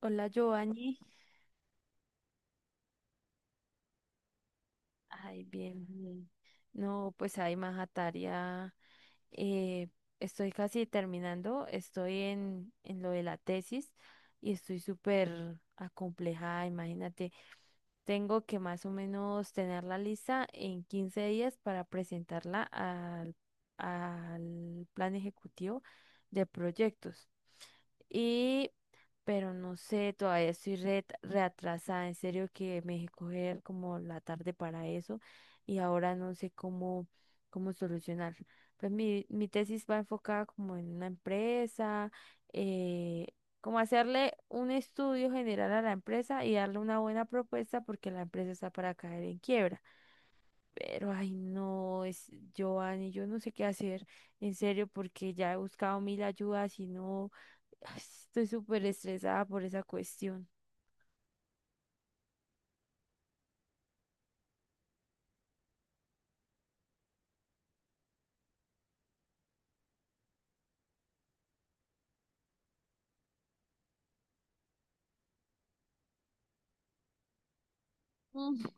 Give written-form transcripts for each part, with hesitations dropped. Hola, Giovanni. Ay, bien, bien. No, pues hay más tarea. eh, estoy casi terminando, estoy en lo de la tesis y estoy súper acomplejada, imagínate. Tengo que más o menos tener la lista en 15 días para presentarla al plan ejecutivo de proyectos. Y, pero no sé, todavía estoy reatrasada. En serio que me dejé coger como la tarde para eso y ahora no sé cómo solucionar. Pues mi tesis va enfocada como en una empresa, eh, como hacerle un estudio general a la empresa y darle una buena propuesta porque la empresa está para caer en quiebra. Pero ay no, es Giovanni, yo no sé qué hacer, en serio, porque ya he buscado mil ayudas y no. Ay, estoy súper estresada por esa cuestión. Mm.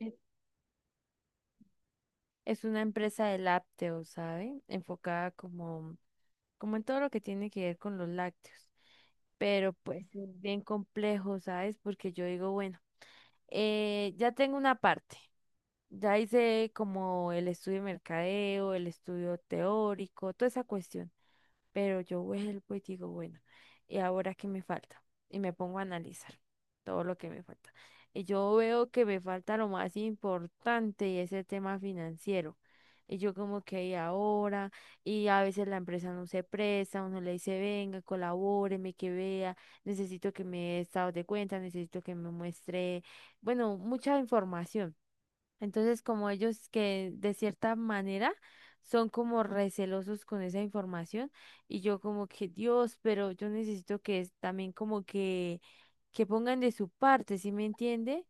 Es es una empresa de lácteos, ¿sabe? Enfocada como en todo lo que tiene que ver con los lácteos. Pero pues es bien complejo, ¿sabes? Porque yo digo, bueno, ya tengo una parte. Ya hice como el estudio de mercadeo, el estudio teórico, toda esa cuestión. Pero yo vuelvo y digo, bueno, ¿y ahora qué me falta? Y me pongo a analizar todo lo que me falta. Y yo veo que me falta lo más importante y ese tema financiero. Y yo como que ¿y ahora, y a veces la empresa no se presta, uno le dice, venga, colabóreme, que vea, necesito que me dé estado de cuenta, necesito que me muestre, bueno, mucha información. Entonces, como ellos que de cierta manera son como recelosos con esa información y yo como que Dios, pero yo necesito que también como que pongan de su parte, ¿sí me entiende?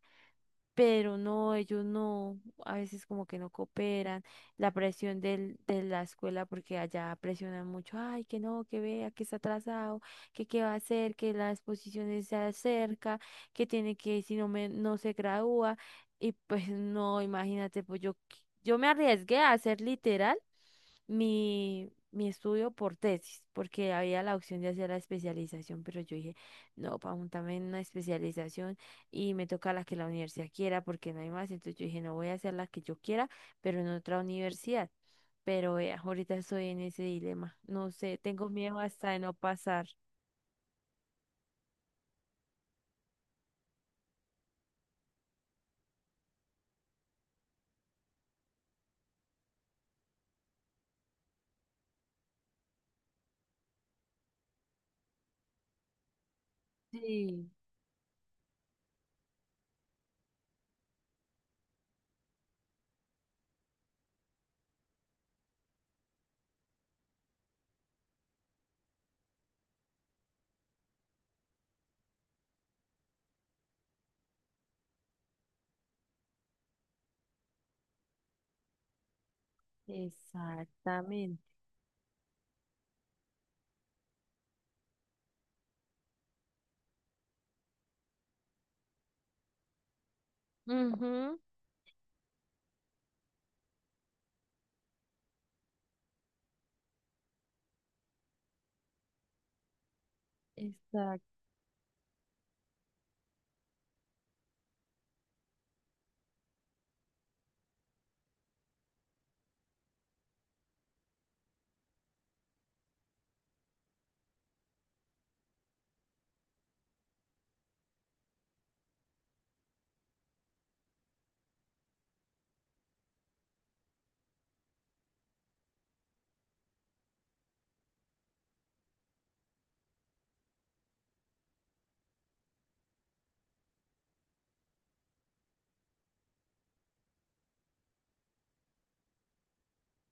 Pero no, ellos no, a veces como que no cooperan, la presión de la escuela, porque allá presionan mucho, ay, que no, que vea, que está atrasado, que qué va a hacer, que la exposición se acerca, que tiene que, si no se gradúa, y pues no, imagínate, pues yo, yo me arriesgué a hacer literal mi estudio por tesis, porque había la opción de hacer la especialización, pero yo dije, no, para montarme en una especialización y me toca la que la universidad quiera, porque no hay más. Entonces yo dije, no voy a hacer la que yo quiera, pero en otra universidad. Pero vea, ahorita estoy en ese dilema. No sé, tengo miedo hasta de no pasar. Sí, exactamente. Ujú. Exacto.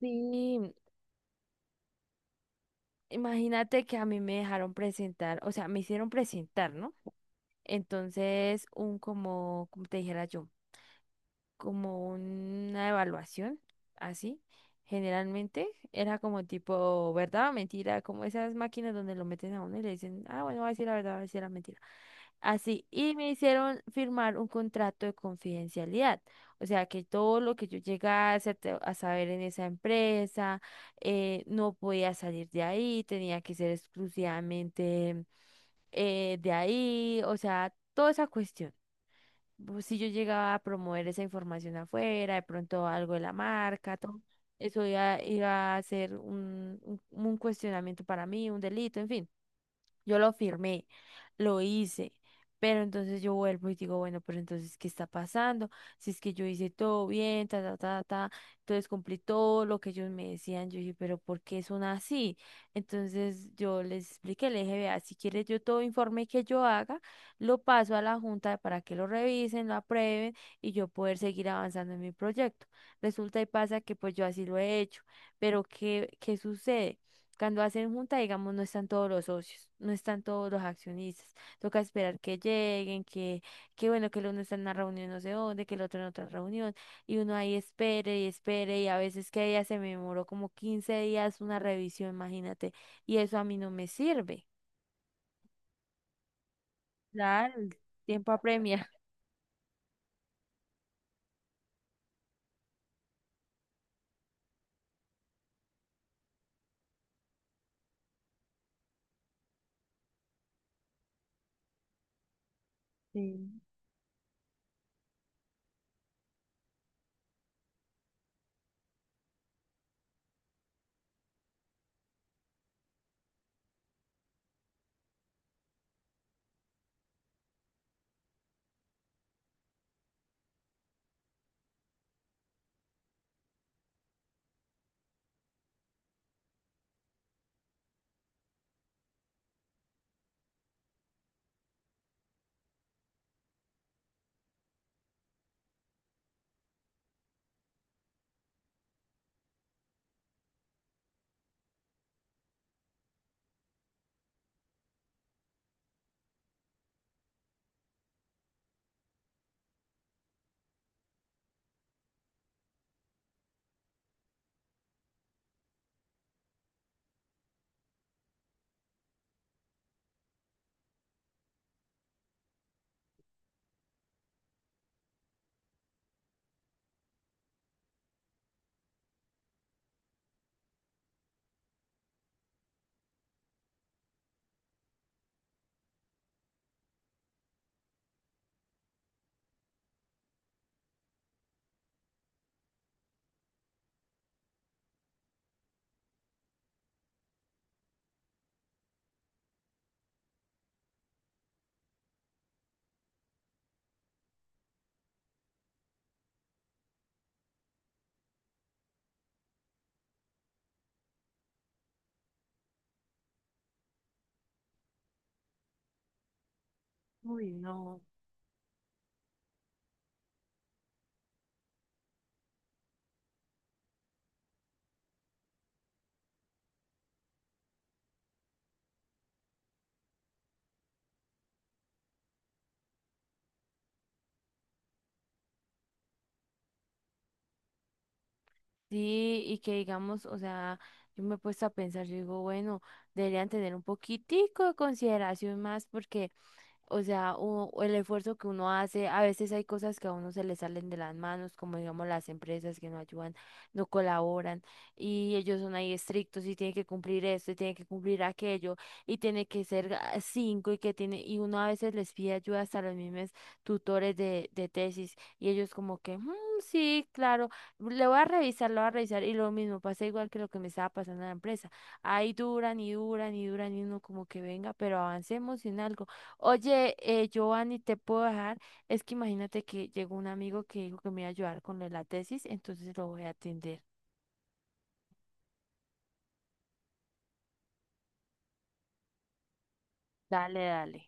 Sí, imagínate que a mí me dejaron presentar, o sea, me hicieron presentar, ¿no? Entonces, un como te dijera yo, como una evaluación, así, generalmente era como tipo verdad o mentira, como esas máquinas donde lo meten a uno y le dicen, ah, bueno, va a decir la verdad, va a decir la mentira. Así, y me hicieron firmar un contrato de confidencialidad. O sea, que todo lo que yo llegase a a saber en esa empresa, no podía salir de ahí, tenía que ser exclusivamente de ahí, o sea, toda esa cuestión pues, si yo llegaba a promover esa información afuera, de pronto algo de la marca, todo, eso iba a ser un cuestionamiento para mí, un delito, en fin. Yo lo firmé, lo hice, pero entonces yo vuelvo y digo, bueno, pero entonces, ¿qué está pasando? Si es que yo hice todo bien, ta, ta, ta, ta, entonces cumplí todo lo que ellos me decían, yo dije, pero ¿por qué son así? Entonces yo les expliqué, le dije, vea, si quieres yo todo informe que yo haga, lo paso a la junta para que lo revisen, lo aprueben y yo poder seguir avanzando en mi proyecto. Resulta y pasa que pues yo así lo he hecho, pero ¿qué sucede? Cuando hacen junta, digamos, no están todos los socios, no están todos los accionistas. Toca esperar que lleguen, que bueno, que el uno está en una reunión no sé dónde, que el otro en otra reunión, y uno ahí espere y espere, y a veces que ella se me demoró como 15 días una revisión, imagínate, y eso a mí no me sirve. Claro, el tiempo apremia. Sí. Uy, no. Sí, y que digamos, o sea, yo me he puesto a pensar, yo digo, bueno, deberían tener un poquitico de consideración más porque o sea, o el esfuerzo que uno hace, a veces hay cosas que a uno se le salen de las manos, como digamos las empresas que no ayudan, no colaboran, y ellos son ahí estrictos y tienen que cumplir esto y tienen que cumplir aquello, y tiene que ser cinco y que tiene, y uno a veces les pide ayuda hasta a los mismos tutores de tesis, y ellos como que, "Mm, sí, claro, le voy a revisar, lo voy a revisar", y lo mismo pasa igual que lo que me estaba pasando en la empresa. Ahí duran y duran y duran, y uno como que venga, pero avancemos en algo. Oye, Giovanni, ¿te puedo dejar? Es que imagínate que llegó un amigo que dijo que me iba a ayudar con lo de la tesis, entonces lo voy a atender. Dale, dale.